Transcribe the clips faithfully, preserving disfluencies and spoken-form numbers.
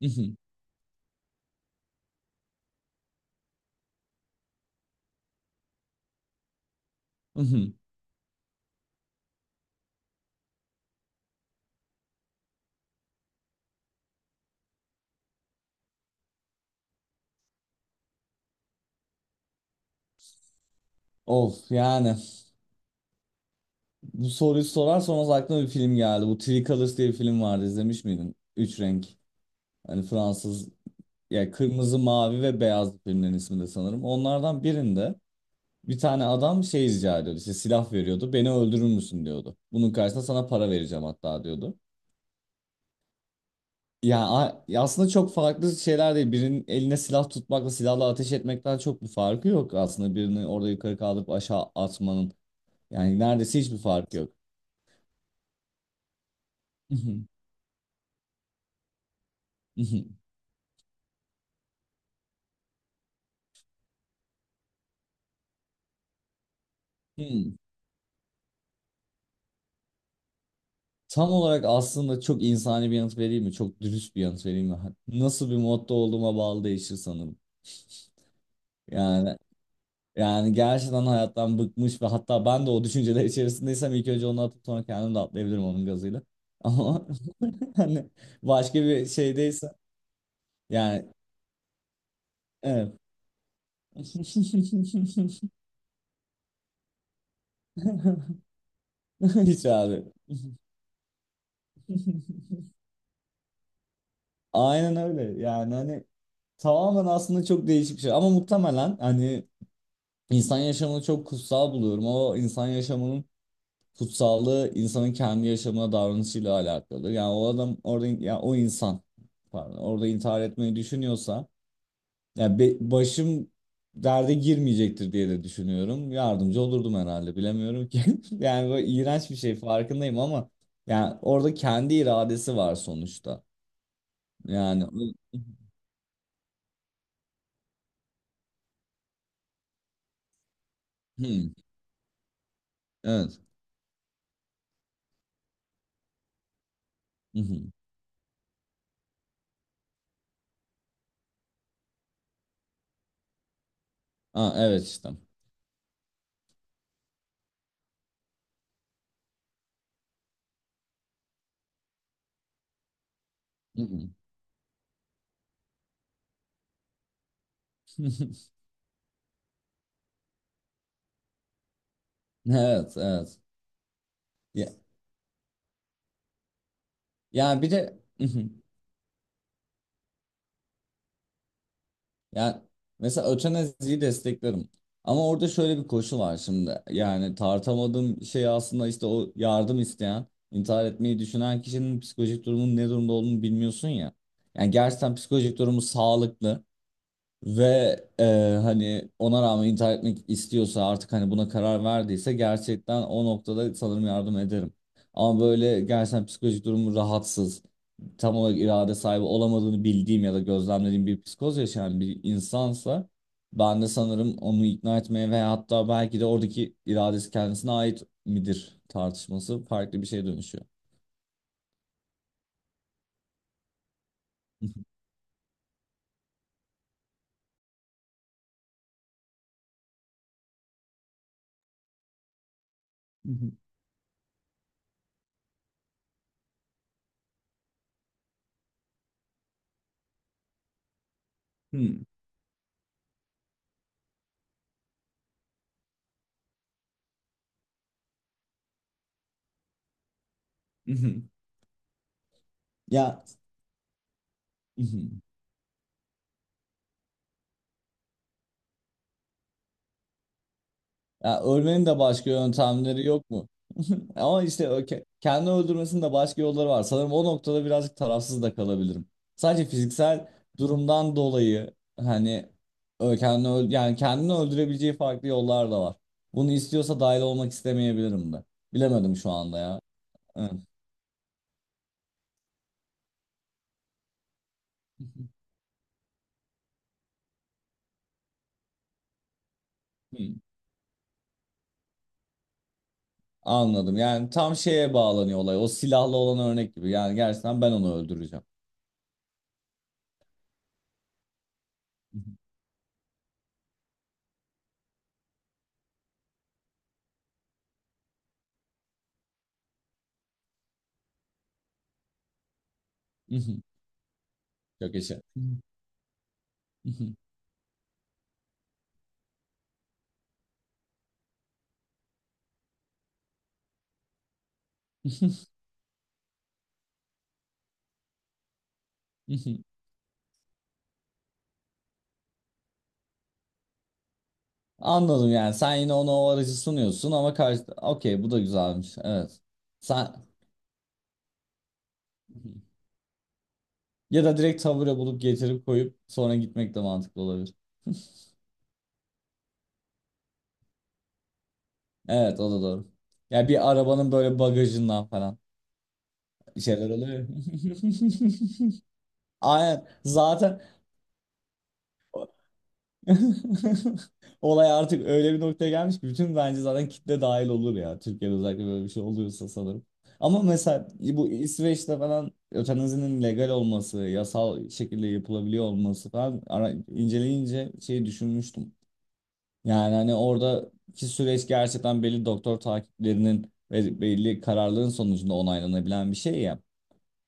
Mhm, mhm. Of yani bu soruyu sorarsan o aklıma bir film geldi. Bu Three Colors diye bir film vardı. İzlemiş miydin? Üç renk. Hani Fransız ya kırmızı, mavi ve beyaz filmlerin ismi de sanırım. Onlardan birinde bir tane adam şey rica ediyordu. İşte silah veriyordu. Beni öldürür müsün diyordu. Bunun karşısında sana para vereceğim hatta diyordu. Ya a- ya aslında çok farklı şeyler değil. Birinin eline silah tutmakla silahla ateş etmekten çok bir farkı yok aslında. Birini orada yukarı kaldırıp aşağı atmanın. Yani neredeyse hiçbir farkı yok. Hmm. Tam olarak aslında çok insani bir yanıt vereyim mi? Çok dürüst bir yanıt vereyim mi? Nasıl bir modda olduğuma bağlı değişir sanırım. Yani yani gerçekten hayattan bıkmış ve hatta ben de o düşünceler içerisindeysem ilk önce onu atıp sonra kendim de atlayabilirim onun gazıyla. Ama hani başka bir şeydeyse yani evet. Hiç abi. Aynen öyle. Yani hani tamamen aslında çok değişik bir şey. Ama muhtemelen hani İnsan yaşamını çok kutsal buluyorum. O insan yaşamının kutsallığı insanın kendi yaşamına davranışıyla alakalı. Yani o adam orada ya o insan pardon orada intihar etmeyi düşünüyorsa ya be- başım derde girmeyecektir diye de düşünüyorum. Yardımcı olurdum herhalde bilemiyorum ki. Yani böyle iğrenç bir şey farkındayım ama yani orada kendi iradesi var sonuçta. Yani hı, evet. Hı hı. Aa, evet işte. Hı hı. Evet, evet. Yani bir de yani mesela ötenaziyi desteklerim. Ama orada şöyle bir koşu var şimdi. Yani tartamadığım şey aslında işte o yardım isteyen, intihar etmeyi düşünen kişinin psikolojik durumunun ne durumda olduğunu bilmiyorsun ya. Yani gerçekten psikolojik durumu sağlıklı. Ve e, hani ona rağmen intihar etmek istiyorsa artık hani buna karar verdiyse gerçekten o noktada sanırım yardım ederim. Ama böyle gerçekten psikolojik durumu rahatsız, tam olarak irade sahibi olamadığını bildiğim ya da gözlemlediğim bir psikoz yaşayan bir insansa ben de sanırım onu ikna etmeye veya hatta belki de oradaki iradesi kendisine ait midir tartışması farklı bir şeye dönüşüyor. Ya ya ölmenin de başka yöntemleri yok mu? Ama işte o ke- kendi öldürmesinin de başka yolları var. Sanırım o noktada birazcık tarafsız da kalabilirim. Sadece fiziksel durumdan dolayı hani ö- kendini öl- yani kendini öldürebileceği farklı yollar da var. Bunu istiyorsa dahil olmak istemeyebilirim de. Bilemedim şu anda ya. Evet. Hmm, anladım. Yani tam şeye bağlanıyor olay. O silahlı olan örnek gibi. Yani gerçekten ben onu öldüreceğim. Çok yaşa. Anladım yani sen yine ona o aracı sunuyorsun ama karşı okey bu da güzelmiş evet. Sen ya da direkt tavure bulup getirip koyup sonra gitmek de mantıklı olabilir. Evet o da doğru. Ya bir arabanın böyle bagajından falan bir şeyler oluyor. Aynen zaten olay artık öyle bir noktaya gelmiş ki bütün bence zaten kitle dahil olur ya. Türkiye'de özellikle böyle bir şey oluyorsa sanırım. Ama mesela bu İsveç'te falan ötenazinin legal olması, yasal şekilde yapılabiliyor olması falan ara, inceleyince şeyi düşünmüştüm. Yani hani oradaki süreç gerçekten belli doktor takiplerinin ve belli kararların sonucunda onaylanabilen bir şey ya.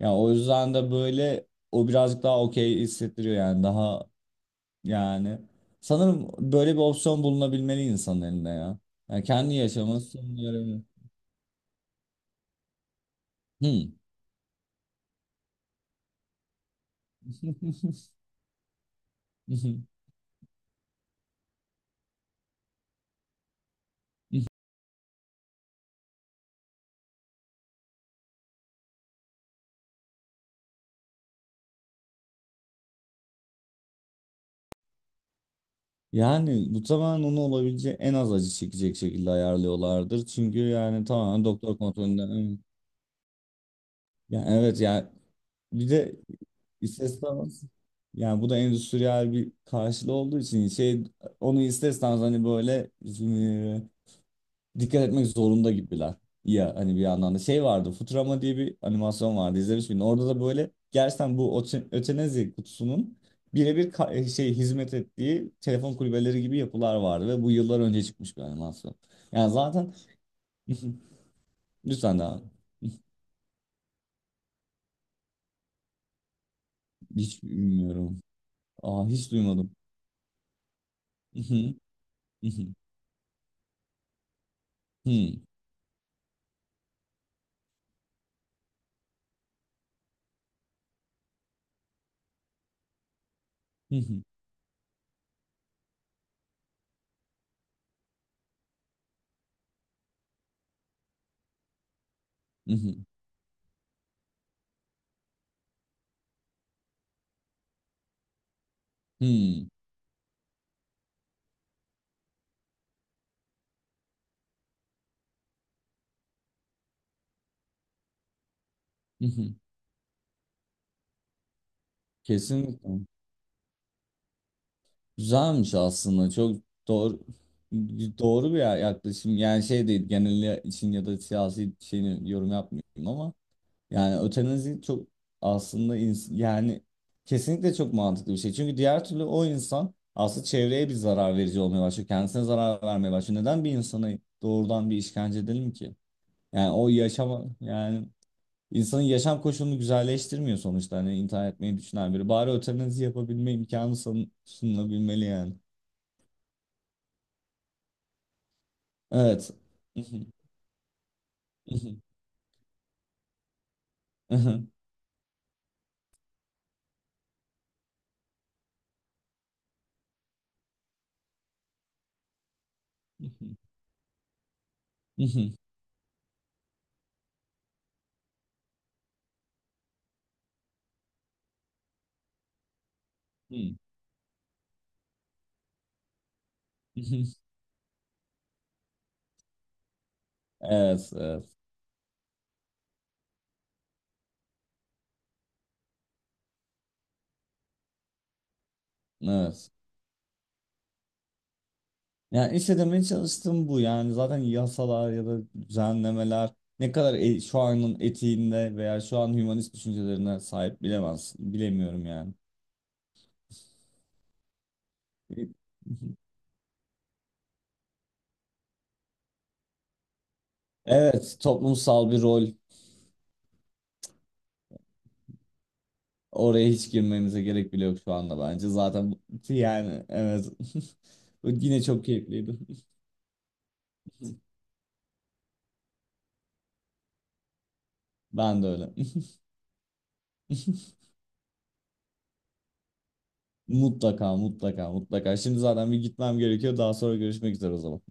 Ya o yüzden de böyle o birazcık daha okey hissettiriyor yani daha yani sanırım böyle bir opsiyon bulunabilmeli insanın elinde ya. Yani kendi yaşaması sonunu görebilir. Hmm. Yani bu tamamen onu olabileceği en az acı çekecek şekilde ayarlıyorlardır. Çünkü yani tamamen doktor kontrolünde. Hmm. Yani evet yani bir de istatistik yani bu da endüstriyel bir karşılığı olduğu için şey onu isterseniz hani böyle dikkat etmek zorunda gibiler. Ya hani bir yandan da şey vardı Futurama diye bir animasyon vardı izlemiş miydin? Orada da böyle gerçekten bu öte- ötenazi kutusunun birebir ka- e, şey hizmet ettiği telefon kulübeleri gibi yapılar vardı ve bu yıllar önce çıkmış bir animasyon. Yani zaten lütfen daha hiç bilmiyorum. Aa hiç duymadım. Kesinlikle. Güzelmiş aslında çok doğru doğru bir ya- yaklaşım yani şey değil genel için ya da siyasi şeyini yorum yapmıyorum ama yani ötenazi çok aslında ins- yani kesinlikle çok mantıklı bir şey çünkü diğer türlü o insan aslında çevreye bir zarar verici olmaya başlıyor kendisine zarar vermeye başlıyor neden bir insana doğrudan bir işkence edelim ki yani o yaşama yani insanın yaşam koşulunu güzelleştirmiyor sonuçta hani intihar etmeyi düşünen biri bari ötenazi yapabilme imkanı sun- sunulabilmeli yani. Evet. Mhm, mhm, mhm, mhm, mhm, mhm, mhm. Evet, evet, evet. Yani işte demeye çalıştığım bu. Yani zaten yasalar ya da düzenlemeler ne kadar e- şu anın etiğinde veya şu an hümanist düşüncelerine sahip bilemez, bilemiyorum yani. Mhm. Evet, toplumsal bir rol. Oraya hiç girmemize gerek bile yok şu anda bence. Zaten bu- yani evet. Yine çok keyifliydi. Ben de öyle. Mutlaka mutlaka mutlaka. Şimdi zaten bir gitmem gerekiyor. Daha sonra görüşmek üzere o zaman.